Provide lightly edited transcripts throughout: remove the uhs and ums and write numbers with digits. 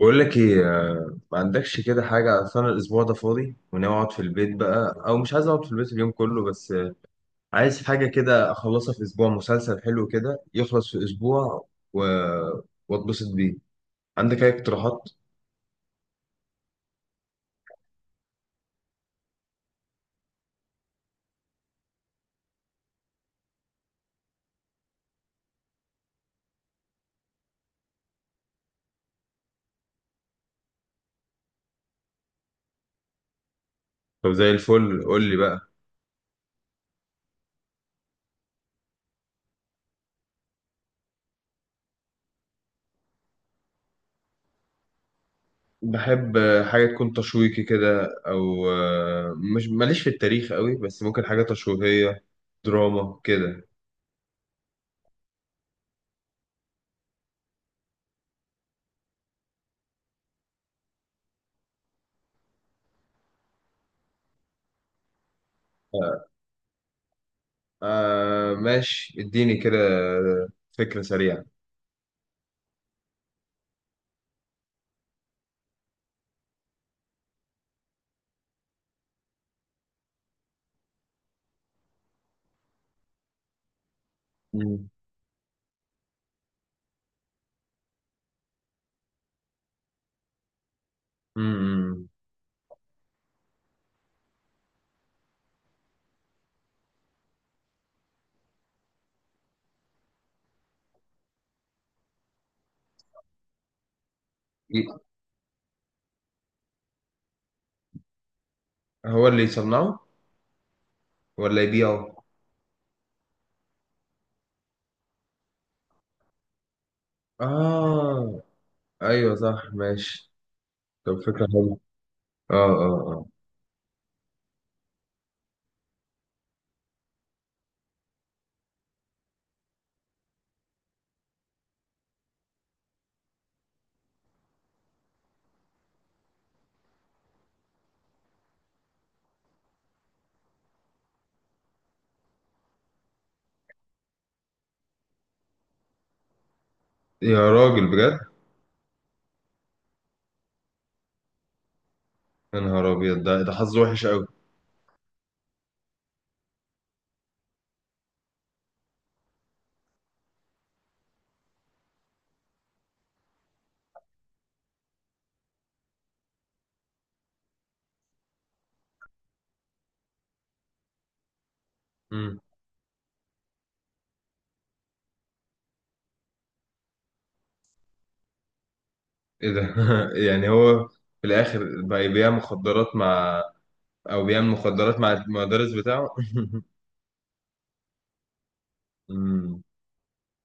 بقول لك ايه، ما عندكش كده حاجة. أصل أنا الأسبوع ده فاضي وناوي أقعد في البيت بقى، أو مش عايز أقعد في البيت اليوم كله. بس عايز حاجة كده أخلصها في أسبوع، مسلسل حلو كده يخلص في أسبوع و... وأتبسط بيه. عندك أي اقتراحات؟ طب زي الفل قول لي بقى. بحب حاجة تكون تشويقي كده، أو مش ماليش في التاريخ قوي، بس ممكن حاجة تشويقية دراما كده. آه آه، ماشي اديني كده فكرة سريعة. مم. م. ي- هو اللي يصنعه ولا يبيعه؟ اه، ايوه صح ماشي. طب فكرة حلوة. اه، اه، اه. يا راجل بجد. يا نهار ابيض، ده حظه وحش قوي. امم. ايه ده يعني هو في الاخر بقى يبيع مخدرات مع، او بيعمل مخدرات مع المدرس بتاعه؟ امم.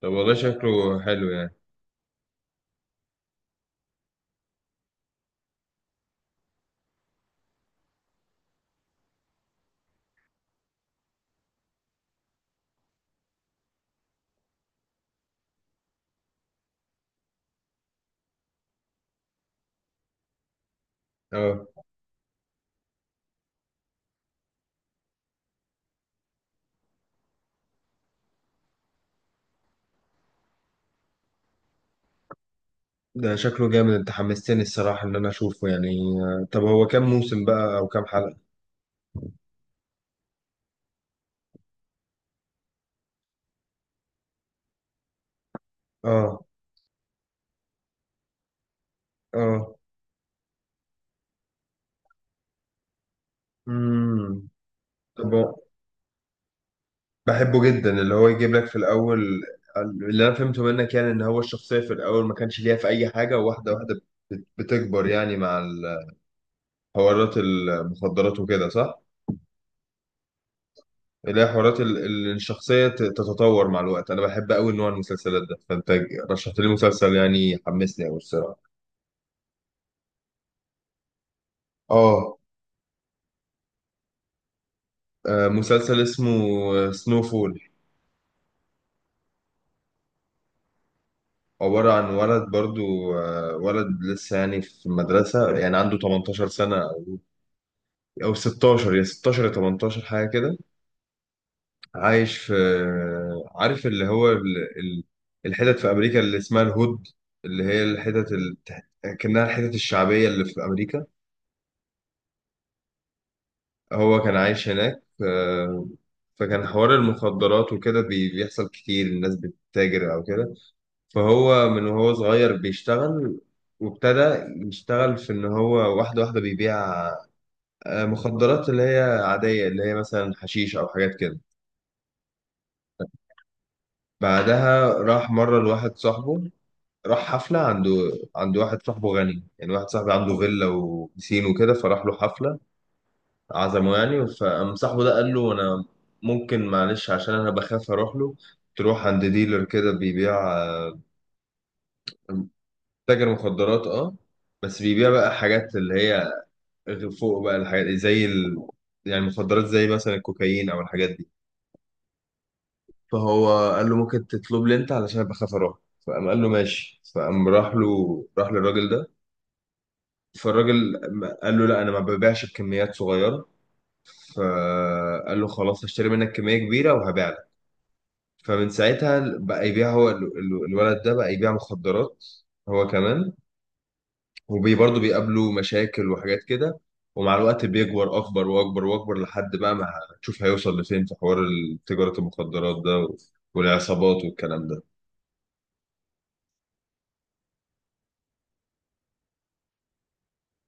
طب والله شكله حلو يعني. اه، ده شكله جامد، انت حمستني الصراحة ان انا اشوفه يعني. طب هو كام موسم بقى او كام حلقة؟ اه، اه، امم. طب بحبه جدا، اللي هو يجيب لك في الاول. اللي انا فهمته منك يعني، ان هو الشخصيه في الاول ما كانش ليها في اي حاجه، وواحده واحده بتكبر يعني مع حوارات المخدرات وكده، صح؟ اللي هي حوارات الشخصيه تتطور مع الوقت. انا بحب قوي نوع المسلسلات ده، فانت رشحت لي مسلسل يعني حمسني قوي الصراحه. اه، مسلسل اسمه سنو فول. عبارة عن ولد برضو، ولد لسه يعني في المدرسة، يعني عنده 18 سنة، أو 16 يا 16 يا 18 حاجة كده. عايش في، عارف اللي هو الحتت في أمريكا اللي اسمها الهود، اللي هي الحتت كأنها الحتت الشعبية اللي في أمريكا. هو كان عايش هناك، فكان حوار المخدرات وكده بيحصل كتير، الناس بتتاجر أو كده. فهو من وهو صغير بيشتغل، وابتدى يشتغل في إن هو واحدة واحدة بيبيع مخدرات اللي هي عادية، اللي هي مثلا حشيش أو حاجات كده. بعدها راح مرة لواحد صاحبه، راح حفلة عند واحد صاحبه غني، يعني واحد صاحبي عنده فيلا وبسين وكده، فراح له حفلة عزمه يعني. فقام صاحبه ده قال له: أنا ممكن معلش عشان أنا بخاف أروح له، تروح عند ديلر كده بيبيع، تاجر مخدرات اه، بس بيبيع بقى حاجات اللي هي فوق بقى الحاجات زي يعني مخدرات زي مثلا الكوكايين أو الحاجات دي. فهو قال له ممكن تطلب لي أنت، علشان أنا بخاف أروح. فقام قال له ماشي، فقام راح له، راح للراجل ده. فالراجل قال له لا، انا ما ببيعش بكميات صغيره. فقال له خلاص هشتري منك كميه كبيره وهبيع لك. فمن ساعتها بقى يبيع هو الولد ده بقى يبيع مخدرات هو كمان. وبرضه بيقابله مشاكل وحاجات كده. ومع الوقت بيكبر اكبر واكبر واكبر، لحد بقى ما هتشوف هيوصل لفين في حوار تجاره المخدرات ده والعصابات والكلام ده.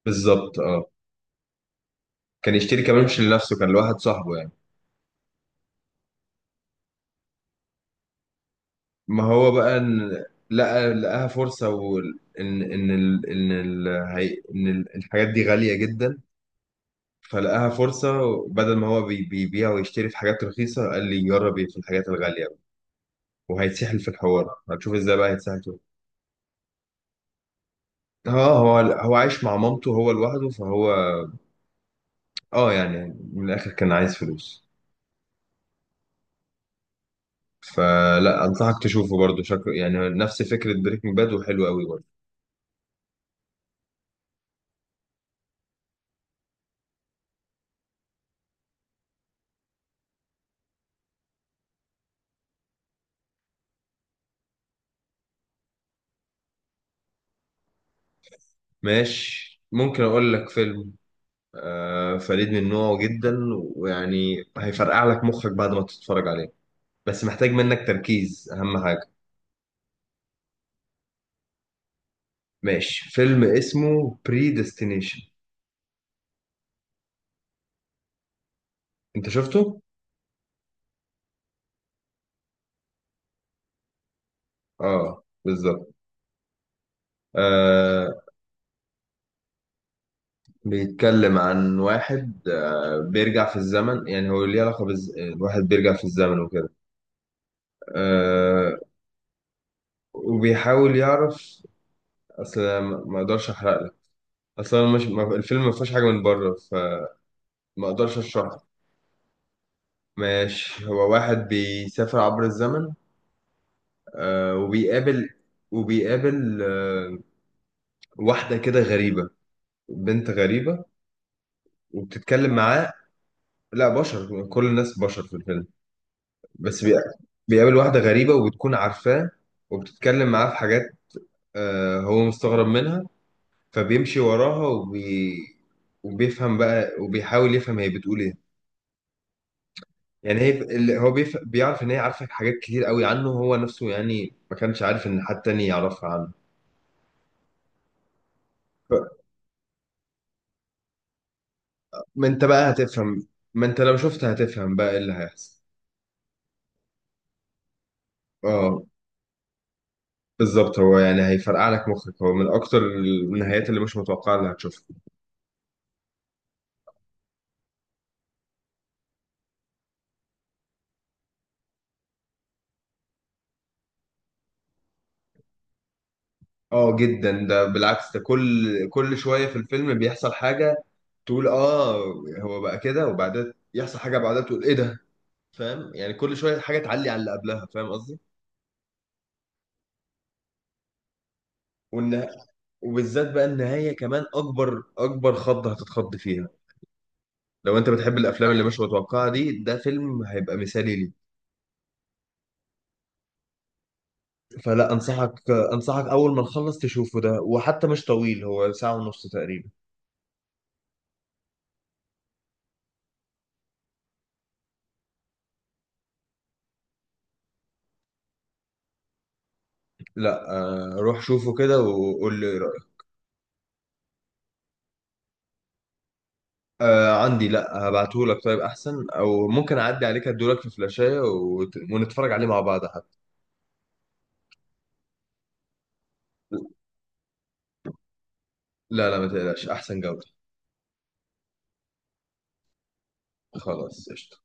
بالظبط اه. كان يشتري كمان مش لنفسه، كان لواحد صاحبه يعني. ما هو بقى إن، لقاها فرصة، وإن إن إن ال... إن ال... هي... إن ال- الحاجات دي غالية جدا، فلقاها فرصة. بدل ما هو بيبيع ويشتري في حاجات رخيصة، قال لي جرب في الحاجات الغالية. وهيتسحل في الحوار، هتشوف ازاي بقى هيتسحل فيه. اه، هو عايش مع مامته هو لوحده، فهو اه يعني من الآخر كان عايز فلوس. فلا، أنصحك تشوفه برضه، شكله يعني نفس فكرة بريكنج باد وحلو قوي برضه. ماشي، ممكن أقول لك فيلم فريد من نوعه جدا، ويعني هيفرقع لك مخك بعد ما تتفرج عليه، بس محتاج منك تركيز اهم حاجه. ماشي، فيلم اسمه بري ديستنيشن. انت شفته؟ اه بالظبط. آه. بيتكلم عن واحد بيرجع في الزمن، يعني هو ليه علاقه الواحد بيرجع في الزمن وكده آه. وبيحاول يعرف، اصل ما اقدرش احرق لك، اصل أنا مش... ما- الفيلم ما فيهوش حاجه من بره، فما اقدرش اشرح. ماشي، هو واحد بيسافر عبر الزمن، آه، وبيقابل واحدة كده غريبة، بنت غريبة، وبتتكلم معاه. لا، بشر، كل الناس بشر في الفيلم. بس بيقابل واحدة غريبة، وبتكون عارفاه، وبتتكلم معاه في حاجات. آه، هو مستغرب منها، فبيمشي وراها وبيفهم بقى، وبيحاول يفهم هي بتقول ايه. يعني هي اللي هو بيعرف ان هي عارفة حاجات كتير قوي عنه هو نفسه، يعني ما كانش عارف ان حد تاني يعرفها عنه. ما انت بقى هتفهم، ما انت لو شفت هتفهم بقى ايه اللي هيحصل. اه بالظبط، هو يعني هيفرقع لك مخك، هو من اكتر النهايات اللي مش متوقعه اللي هتشوفها. اه جدا، ده بالعكس، ده كل شويه في الفيلم بيحصل حاجه تقول اه، هو بقى كده، وبعدين يحصل حاجه بعدها تقول ايه ده. فاهم؟ يعني كل شويه حاجه تعلي على اللي قبلها، فاهم قصدي. والنها... وبالذات بقى النهايه، كمان اكبر اكبر خضه هتتخض فيها. لو انت بتحب الافلام اللي مش متوقعه دي، ده فيلم هيبقى مثالي. فلا، انصحك اول ما نخلص تشوفه ده، وحتى مش طويل، هو ساعة ونص تقريبا. لا روح شوفه كده وقول لي ايه رأيك. عندي، لا هبعتهولك، طيب احسن، او ممكن اعدي عليك ادولك في فلاشاية ونتفرج عليه مع بعض حتى. لا لا، ما تقلقش، احسن جودة. خلاص قشطة.